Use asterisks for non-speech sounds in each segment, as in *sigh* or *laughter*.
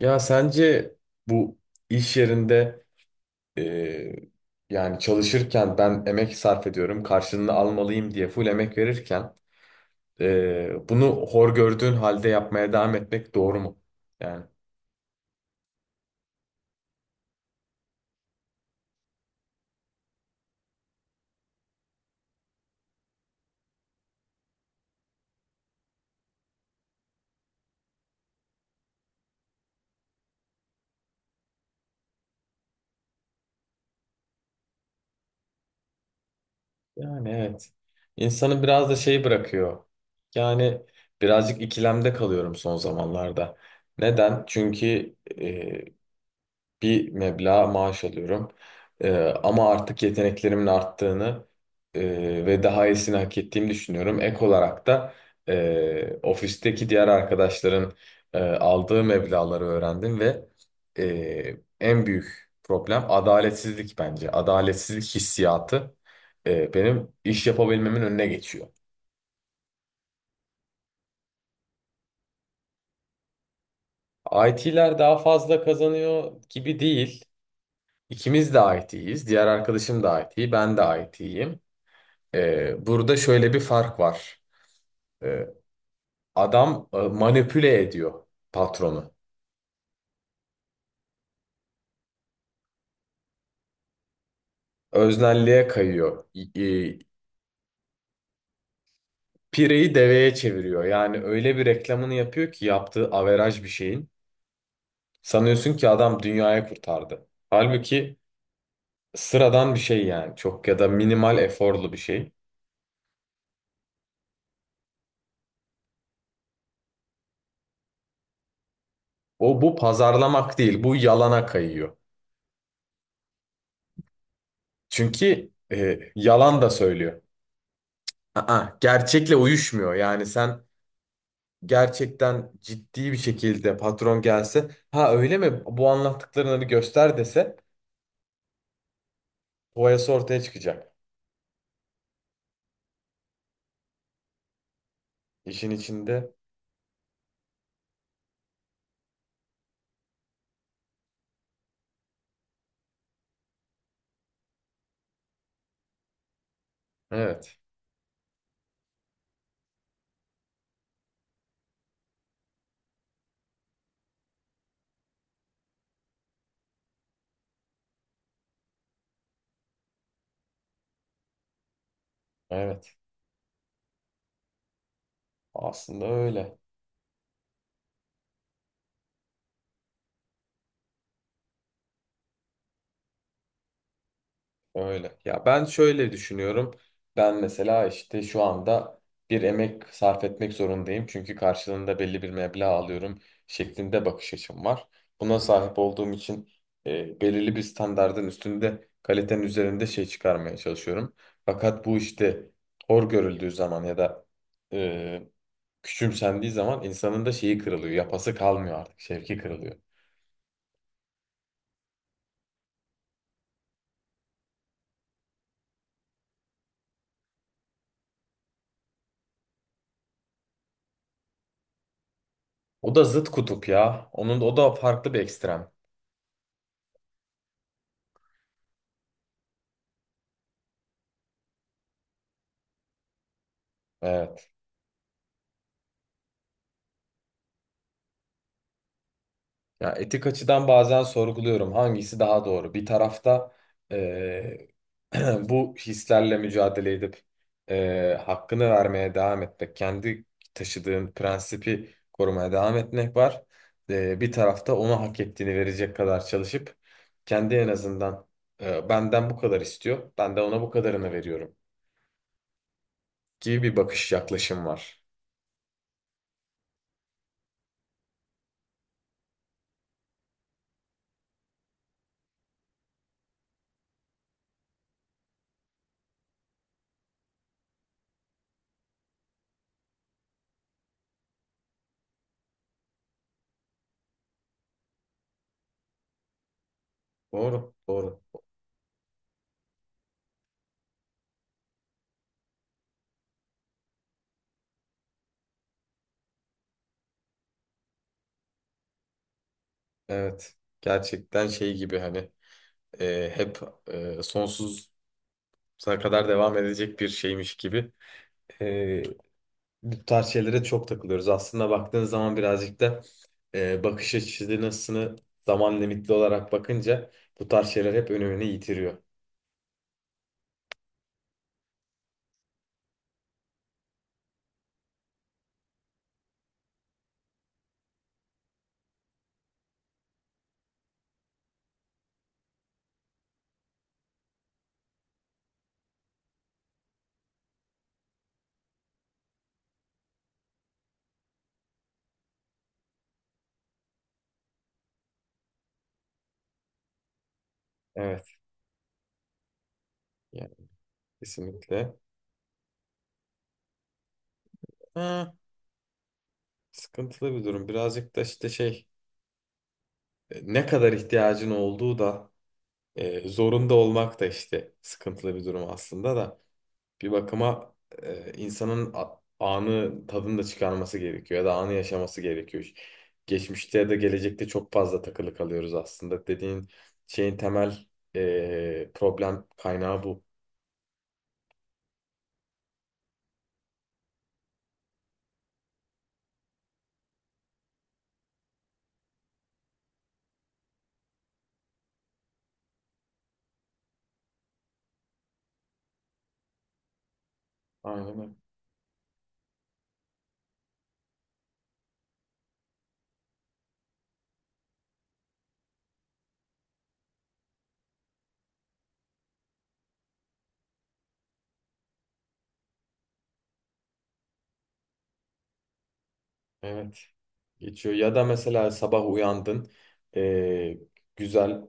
Ya sence bu iş yerinde eee, yani çalışırken ben emek sarf ediyorum, karşılığını almalıyım diye full emek verirken bunu hor gördüğün halde yapmaya devam etmek doğru mu? Yani yani, evet. İnsanı biraz da şey bırakıyor. Yani birazcık ikilemde kalıyorum son zamanlarda. Neden? Çünkü e, bir meblağ maaş alıyorum. Ee, ama artık yeteneklerimin arttığını ve daha iyisini hak ettiğimi düşünüyorum. Ek olarak da ofisteki diğer arkadaşların aldığı meblağları öğrendim ve en büyük problem adaletsizlik bence. Adaletsizlik hissiyatı benim iş yapabilmemin önüne geçiyor. IT'ler daha fazla kazanıyor gibi değil. İkimiz de IT'yiz. Diğer arkadaşım da IT, ben de IT'yim. Burada şöyle bir fark var. Ee, adam manipüle ediyor patronu. Öznelliğe kayıyor. Pireyi deveye çeviriyor. Yani öyle bir reklamını yapıyor ki yaptığı averaj bir şeyin. Sanıyorsun ki adam dünyayı kurtardı. Halbuki sıradan bir şey yani. Çok ya da minimal eforlu bir şey. O bu pazarlamak değil. Bu yalana kayıyor. Çünkü yalan da söylüyor. Aa, gerçekle uyuşmuyor. Yani sen gerçekten ciddi bir şekilde patron gelse ha öyle mi bu anlattıklarını göster dese boyası ortaya çıkacak. İşin içinde evet, evet, aslında öyle. Öyle. Ya ben şöyle düşünüyorum. Ben mesela işte şu anda bir emek sarf etmek zorundayım. Çünkü karşılığında belli bir meblağ alıyorum şeklinde bakış açım var. Buna sahip olduğum için belirli bir standardın üstünde kalitenin üzerinde şey çıkarmaya çalışıyorum. Fakat bu işte hor görüldüğü zaman ya da e, küçümsendiği zaman insanın da şeyi kırılıyor. Yapası kalmıyor artık. Şevki kırılıyor. O da zıt kutup ya. Onun o da farklı bir ekstrem. Evet. Ya etik açıdan bazen sorguluyorum hangisi daha doğru. Bir tarafta eee, *clears throat* bu hislerle mücadele edip hakkını vermeye devam etmek, kendi taşıdığın prensipi korumaya devam etmek var. Bir tarafta ona hak ettiğini verecek kadar çalışıp kendi en azından benden bu kadar istiyor, ben de ona bu kadarını veriyorum gibi bir bakış yaklaşım var. Doğru, doğru. Evet, gerçekten şey gibi hani hep sonsuz sonuna kadar devam edecek bir şeymiş gibi. Ee, bu tarz şeylere çok takılıyoruz. Aslında baktığın zaman birazcık da bakış açısını zaman limitli olarak bakınca bu tarz şeyler hep önemini yitiriyor. Evet, yani kesinlikle. Ha, sıkıntılı bir durum. Birazcık da işte şey ne kadar ihtiyacın olduğu da zorunda olmak da işte sıkıntılı bir durum aslında da. Bir bakıma insanın anı tadını da çıkarması gerekiyor ya da anı yaşaması gerekiyor. Geçmişte ya da gelecekte çok fazla takılı kalıyoruz aslında. Dediğin şeyin temel problem kaynağı bu. Aynen öyle. Evet. Geçiyor. Ya da mesela sabah uyandın, e, güzel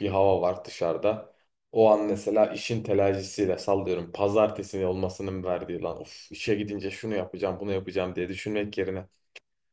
bir hava var dışarıda. O an mesela işin telaşıyla sallıyorum. Pazartesi olmasının verdiği lan of işe gidince şunu yapacağım, bunu yapacağım diye düşünmek yerine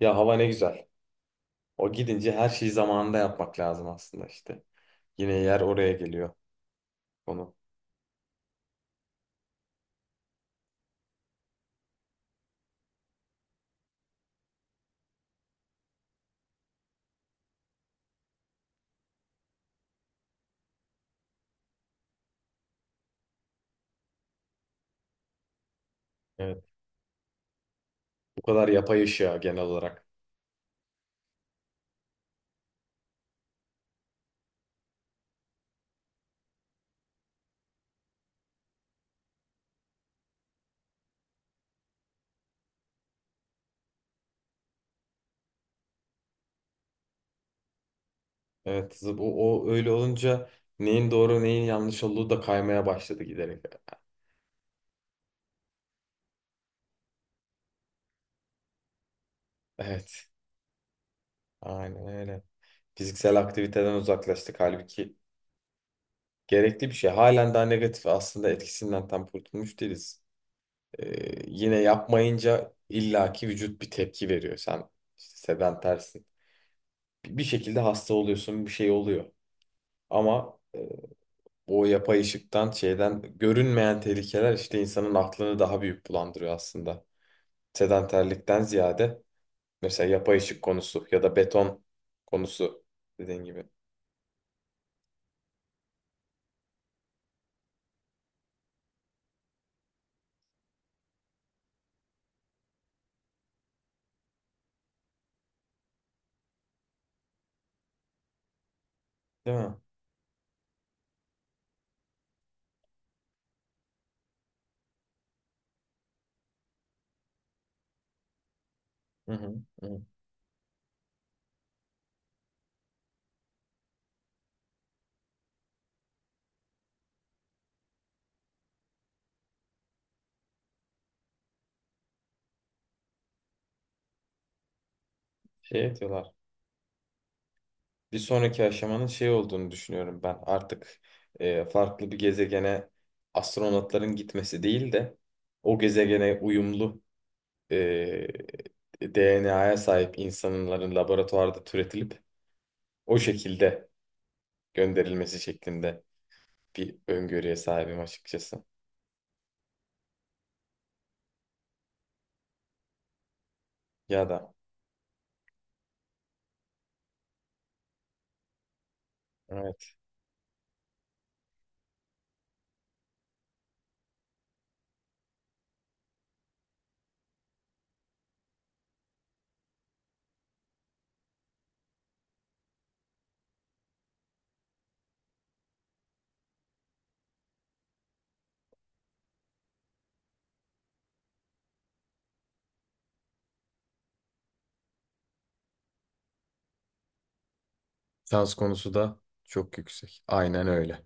ya hava ne güzel. O gidince her şeyi zamanında yapmak lazım aslında işte. Yine yer oraya geliyor konu. Evet. Bu kadar yapay ışığa genel olarak. Evet, o öyle olunca neyin doğru neyin yanlış olduğu da kaymaya başladı giderek. Evet, aynen öyle. Fiziksel aktiviteden uzaklaştık halbuki gerekli bir şey. Halen daha negatif aslında etkisinden tam kurtulmuş değiliz. Yine yapmayınca illaki vücut bir tepki veriyor. Sen işte sedentersin. Bir şekilde hasta oluyorsun, bir şey oluyor. Ama o yapay ışıktan şeyden görünmeyen tehlikeler işte insanın aklını daha büyük bulandırıyor aslında. Sedanterlikten ziyade mesela yapay ışık konusu ya da beton konusu dediğin gibi. Değil mi? Hı hı, hı. Şey diyorlar. Bir sonraki aşamanın şey olduğunu düşünüyorum ben. Artık farklı bir gezegene astronotların gitmesi değil de o gezegene uyumlu e, DNA'ya sahip insanların laboratuvarda türetilip o şekilde gönderilmesi şeklinde bir öngörüye sahibim açıkçası. Ya da evet, sans konusu da çok yüksek. Aynen öyle.